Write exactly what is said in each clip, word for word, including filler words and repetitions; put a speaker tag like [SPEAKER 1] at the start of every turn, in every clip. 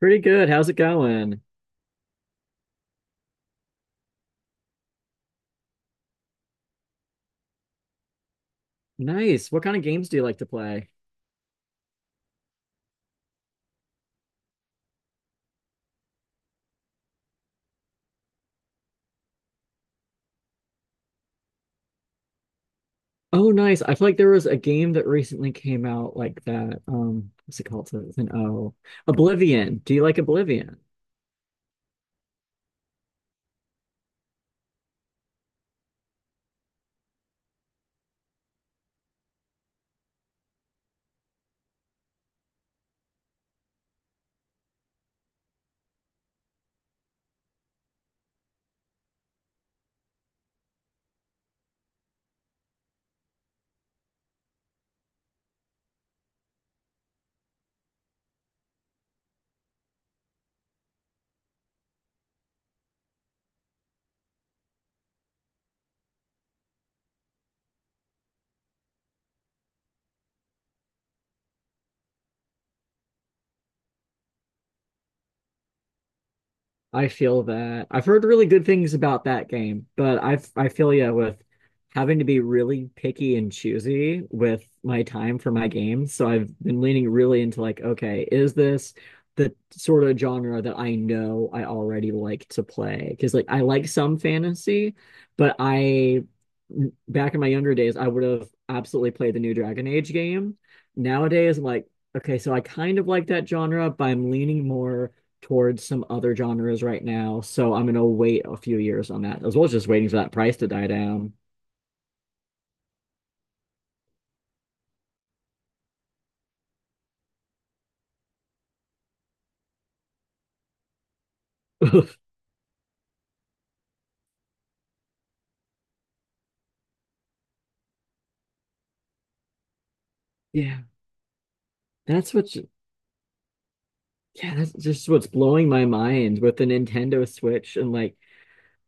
[SPEAKER 1] Pretty good. How's it going? Nice. What kind of games do you like to play? Oh, nice. I feel like there was a game that recently came out like that. Um, what's it called? So it's an O. Oblivion. Do you like Oblivion? I feel that. I've heard really good things about that game, but I I feel, yeah, with having to be really picky and choosy with my time for my games. So I've been leaning really into, like, okay, is this the sort of genre that I know I already like to play? Because, like, I like some fantasy, but I, back in my younger days I would have absolutely played the new Dragon Age game. Nowadays, I'm like, okay, so I kind of like that genre, but I'm leaning more towards some other genres right now, so I'm gonna wait a few years on that, as well as just waiting for that price to die down. Yeah, that's what's, yeah, that's just what's blowing my mind with the Nintendo Switch. And, like,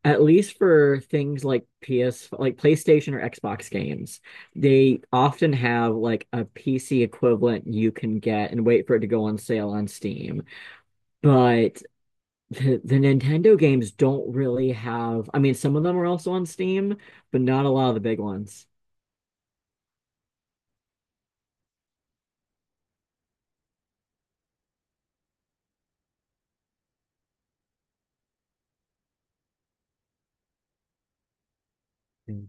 [SPEAKER 1] at least for things like P S, like PlayStation or Xbox games, they often have like a P C equivalent you can get and wait for it to go on sale on Steam. But the, the Nintendo games don't really have, I mean, some of them are also on Steam, but not a lot of the big ones. Mm.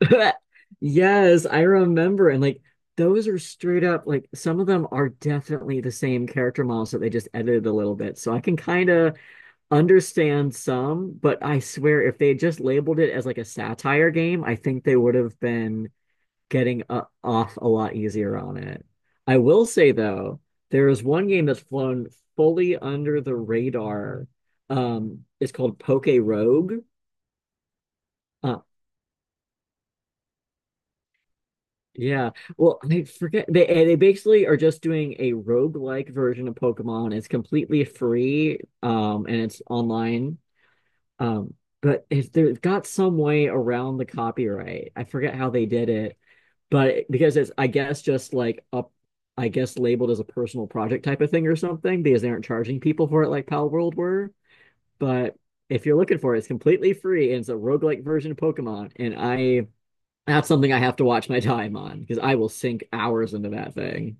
[SPEAKER 1] Yes, I remember. And, like, those are straight up, like, some of them are definitely the same character models that they just edited a little bit. So I can kind of understand some, but I swear if they had just labeled it as like a satire game, I think they would have been getting uh, off a lot easier on it. I will say though, there is one game that's flown fully under the radar. Um, it's called Poke Rogue. Uh, yeah. Well, I forget, they eh, they basically are just doing a roguelike version of Pokemon. It's completely free, um, and it's online. Um, but if they've got some way around the copyright, I forget how they did it, but because it's, I guess, just like up, I guess, labeled as a personal project type of thing or something, because they aren't charging people for it like Pal World were. But if you're looking for it, it's completely free and it's a roguelike version of Pokemon. And I, that's something I have to watch my time on because I will sink hours into that thing.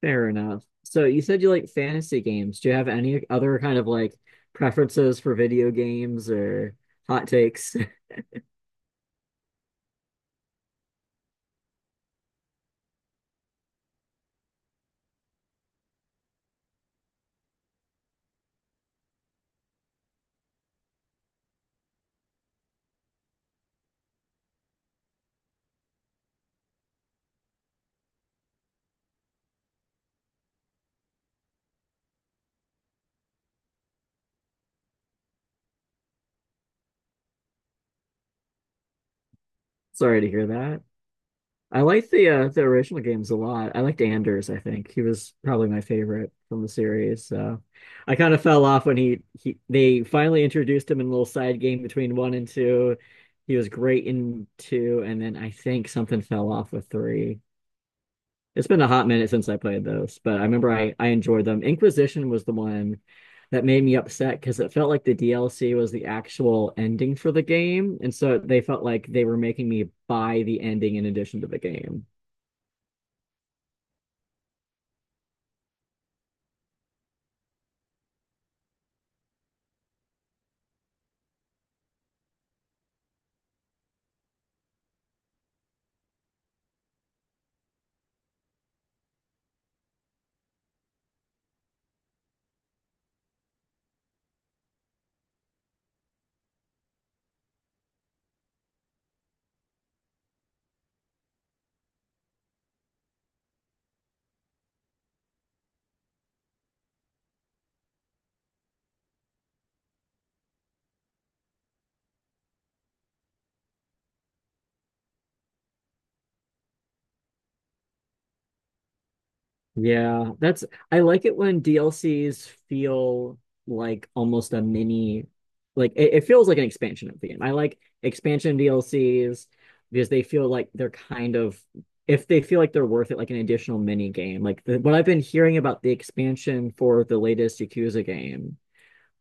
[SPEAKER 1] Fair enough. So you said you like fantasy games. Do you have any other kind of, like, preferences for video games or hot takes? Sorry to hear that. I like the uh, the original games a lot. I liked Anders, I think. He was probably my favorite from the series. So I kind of fell off when he, he they finally introduced him in a little side game between one and two. He was great in two, and then I think something fell off with three. It's been a hot minute since I played those, but I remember I, I enjoyed them. Inquisition was the one that made me upset because it felt like the D L C was the actual ending for the game. And so they felt like they were making me buy the ending in addition to the game. Yeah, that's, I like it when D L Cs feel like almost a mini, like, it, it feels like an expansion of the game. I like expansion D L Cs because they feel like they're kind of, if they feel like they're worth it, like an additional mini game. Like the, what I've been hearing about the expansion for the latest Yakuza game,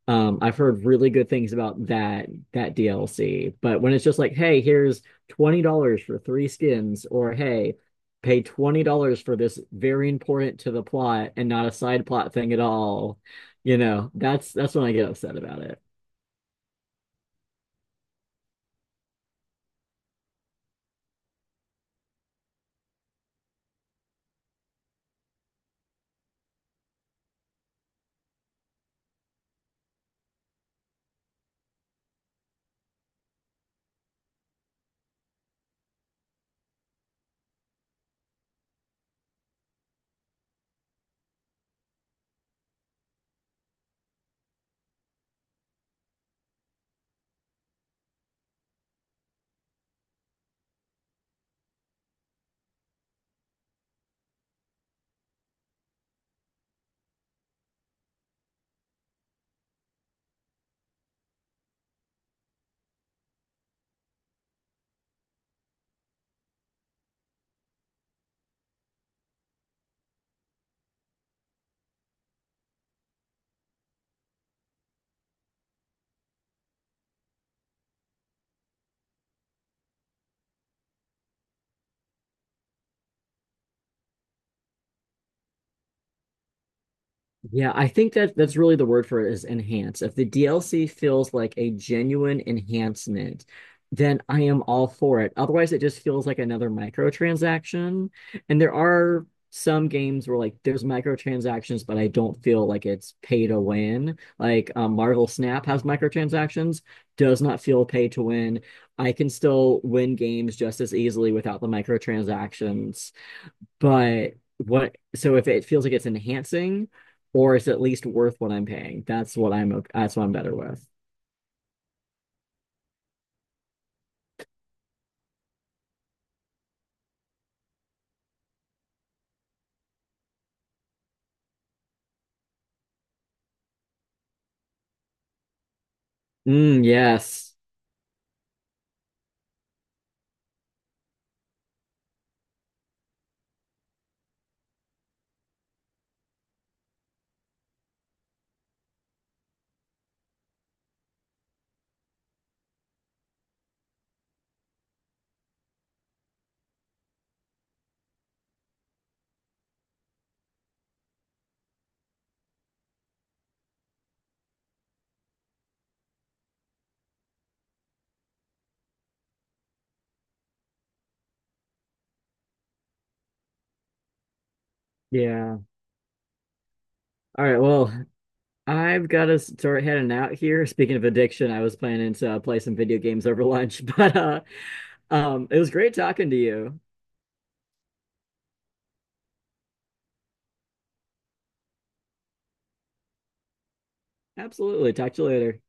[SPEAKER 1] um, I've heard really good things about that that D L C, but when it's just like, hey, here's twenty dollars for three skins, or hey, pay twenty dollars for this very important to the plot and not a side plot thing at all, you know, that's that's when I get upset about it. Yeah, I think that that's really the word for it is enhance. If the D L C feels like a genuine enhancement, then I am all for it. Otherwise, it just feels like another microtransaction. And there are some games where, like, there's microtransactions, but I don't feel like it's pay to win. Like, um, Marvel Snap has microtransactions, does not feel pay to win. I can still win games just as easily without the microtransactions. But what, so if it feels like it's enhancing or it's at least worth what I'm paying, that's what I'm, ok- that's what I'm better with. Mm, yes. Yeah. All right. Well, I've got to start heading out here. Speaking of addiction, I was planning to uh, play some video games over lunch, but uh, um, it was great talking to you. Absolutely. Talk to you later.